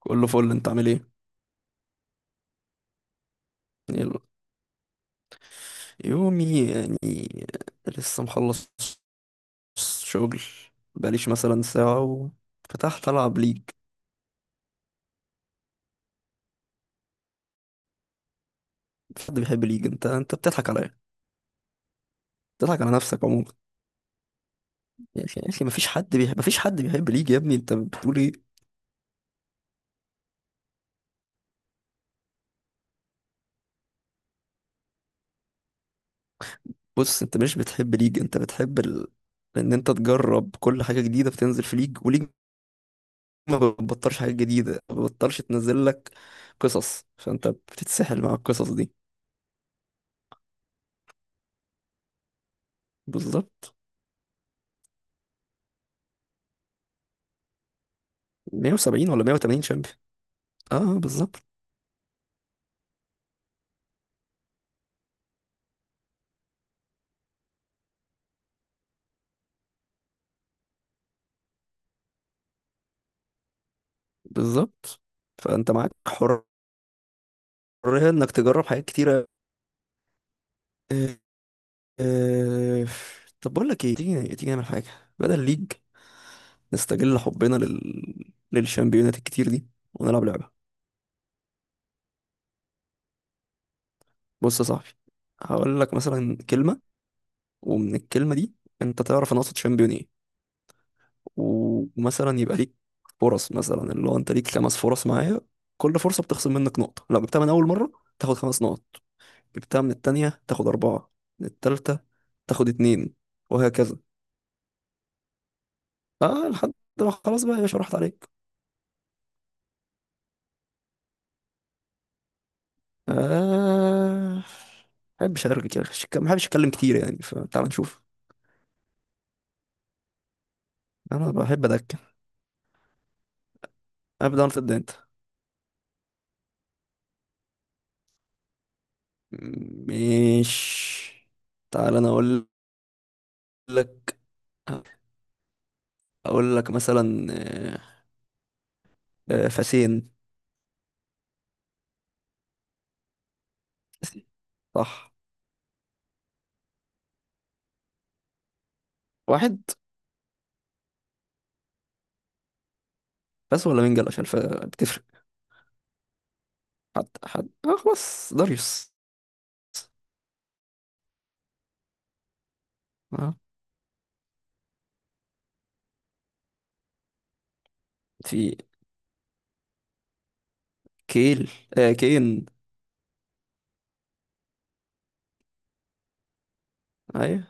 كله فل. انت عامل ايه؟ يلا. يومي يعني لسه مخلص شغل. بقاليش مثلا ساعة وفتحت ألعب ليج. مفيش حد بيحب ليج. انت بتضحك عليا. بتضحك على نفسك عموما. يا اخي يا اخي، مفيش حد بيحب، مفيش حد بيحب ليج. يا ابني انت بتقول ايه؟ بص، انت مش بتحب ليج، انت بتحب ان انت تجرب كل حاجة جديدة بتنزل في ليج. وليج ما بتبطلش حاجة جديدة، ما بتبطلش تنزل لك قصص، فانت بتتسحل مع القصص دي. بالظبط. 170 ولا 180 شامبيون. اه بالظبط. بالظبط، فانت معاك حرية انك تجرب حاجات كتيرة. آه، آه، طب بقول لك ايه، تيجي تيجي نعمل حاجة بدل ليج. نستغل حبنا للشامبيونات الكتير دي ونلعب لعبة. بص يا صاحبي، هقول لك مثلا كلمة، ومن الكلمة دي انت تعرف انا اقصد شامبيون ايه. ومثلا يبقى ليك فرص، مثلا اللي هو انت ليك خمس فرص معايا. كل فرصة بتخصم منك نقطة. لو جبتها من اول مرة تاخد خمس نقط، جبتها من التانية تاخد أربعة، من التالتة تاخد اتنين، وهكذا. اه، لحد ما خلاص بقى يا باشا، راحت عليك. آه بحبش أرجع، ما بحبش أتكلم كتير يعني، فتعال نشوف. أنا بحب أدكن. أبدأ ولا تبدأ أنت؟ مش، تعال أنا أقول لك. أقول لك مثلا فاسين. صح. واحد. بس، ولا منجل عشان بتفرق. حد آه خلاص، داريوس. آه. في كيل، آه كين. ايوه.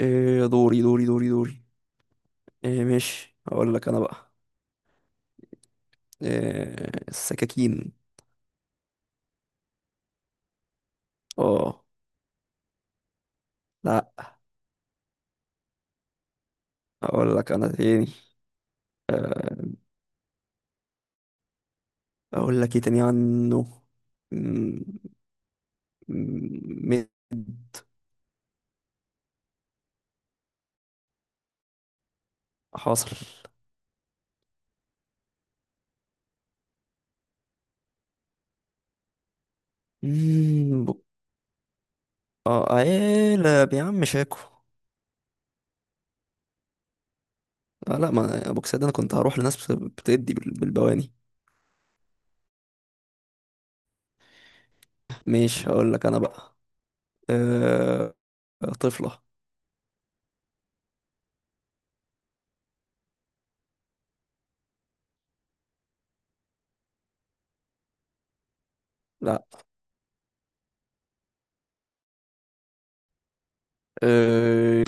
إيه، دوري. إيه ماشي، اقول لك انا بقى. إيه، السكاكين. اه لا. اقول لك انا تاني. آه، اقول لك ايه تاني عنه. م- م- حاصل. مم، بو- اه عيلة يا عم، شاكو. آه لا، ما ابو ده انا كنت هروح لناس بتدي بالبواني. ماشي، هقول لك انا بقى. أه... طفلة. لا. أه...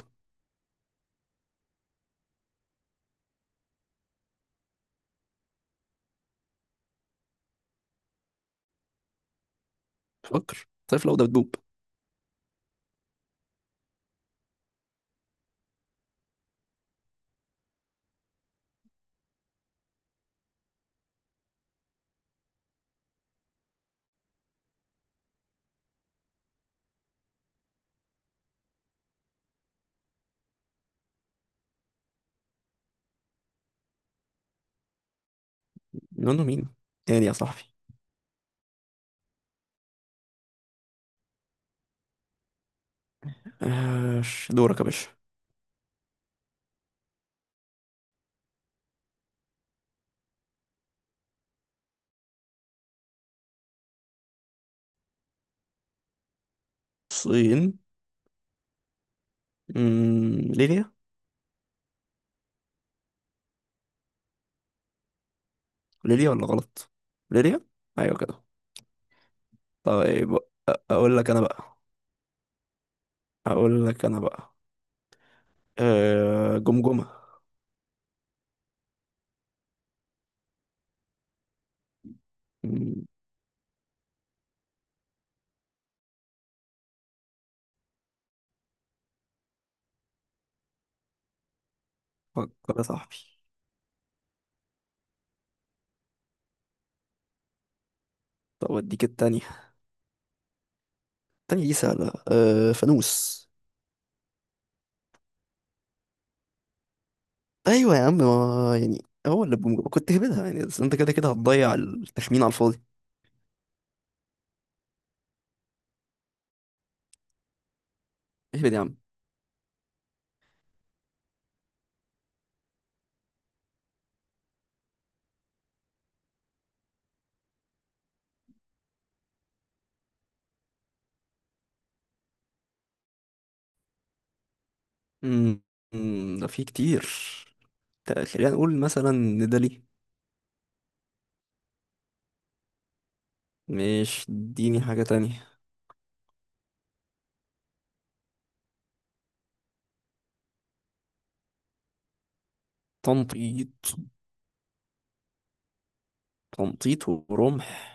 فكر، طفلة وده بتدوب. نونو مين تاني يا صاحبي؟ آه. دورك يا باشا. الصين. ليبيا. ليبيا ولا غلط؟ ليبيا. ايوه كده. طيب اقول لك انا بقى. اقول لك انا بقى آه، جمجمة. مم، فكر يا صاحبي. طب اديك التانية. التانية دي سهلة، آه، فانوس. ايوه يا عم، ما يعني هو اللي بجمجمة كنت هبدها يعني، بس انت كده كده هتضيع التخمين على الفاضي. اهبد يا عم. مم، ده في كتير. خلينا نقول مثلا ندالي. مش، اديني حاجة تانية. تنطيط. تنطيط ورمح.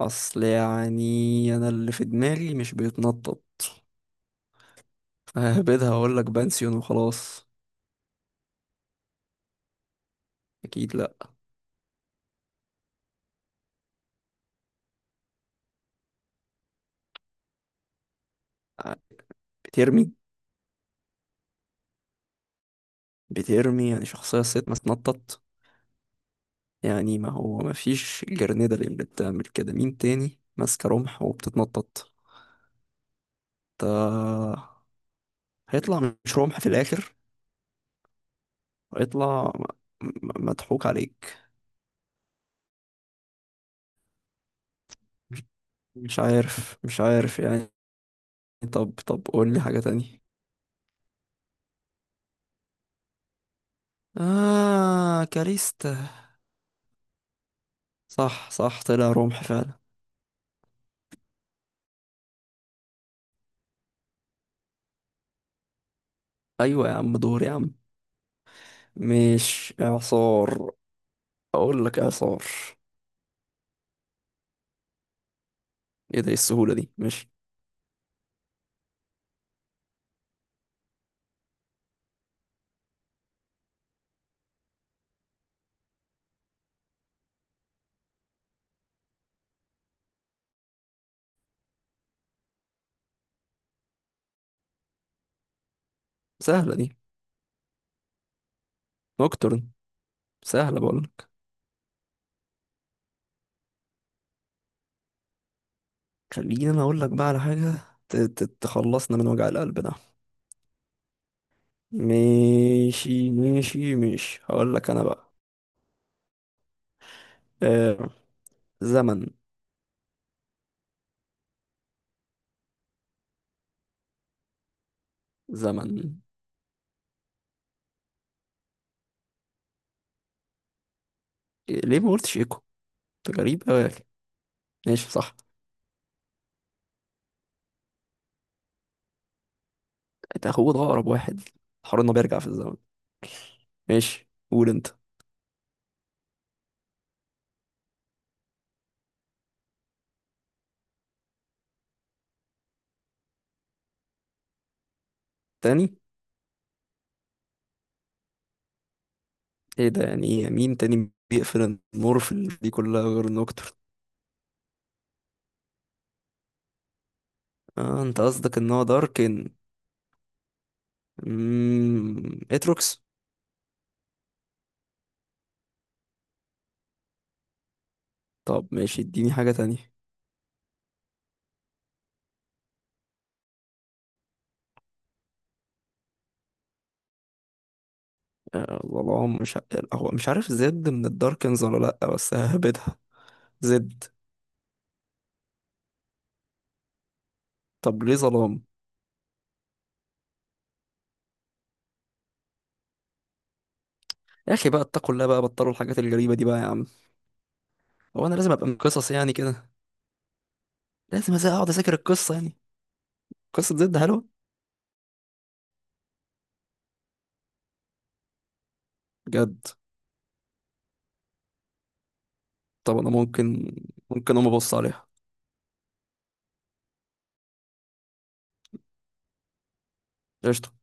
أصل يعني أنا اللي في دماغي مش بيتنطط. ههبدها وأقولك بنسيون وخلاص. أكيد لأ. بترمي. بترمي يعني شخصية، ست ما تنطط. يعني ما هو ما فيش جرنيدة اللي بتعمل كده. مين تاني ماسكة رمح وبتتنطط؟ ده هيطلع مش رمح في الآخر. هيطلع مضحوك عليك. مش عارف، مش عارف يعني. طب طب قول لي حاجة تانية. آه، كاريستا. صح صح، طلع رمح فعلا. أيوة يا عم، دور يا عم. مش إعصار. أقول لك إعصار. إيه ده، إيه السهولة دي؟ مش سهلة دي. نوكتورن. سهلة بقول لك. خليني أنا أقول لك بقى على حاجة تخلصنا من وجع القلب ده. ماشي ماشي ماشي، هقول لك أنا بقى آه، زمن. زمن. إيه، ليه ما قلتش إيكو؟ أنت غريب أوي يا أخي. ماشي صح. انت اخوه، ده اقرب واحد. حوار انه بيرجع في الزمن. ماشي، قول انت. تاني. ايه ده، يعني ايه يعني؟ مين تاني بيقفل النور في دي كلها غير نوكتر؟ اه، انت قصدك ان هو داركن. اتروكس. طب ماشي، اديني حاجة تانية. آه والله، مش هو مش عارف زد من الداركنز ولا لأ، بس ههبدها. زد. طب ليه ظلام؟ يا اخي بقى اتقوا الله بقى، بطلوا الحاجات الغريبة دي بقى يا عم. هو انا لازم ابقى من قصص يعني كده؟ لازم اقعد اذاكر القصة يعني؟ قصة زد حلوة بجد؟ طب انا ممكن، ممكن اقوم ابص عليها. قشطة.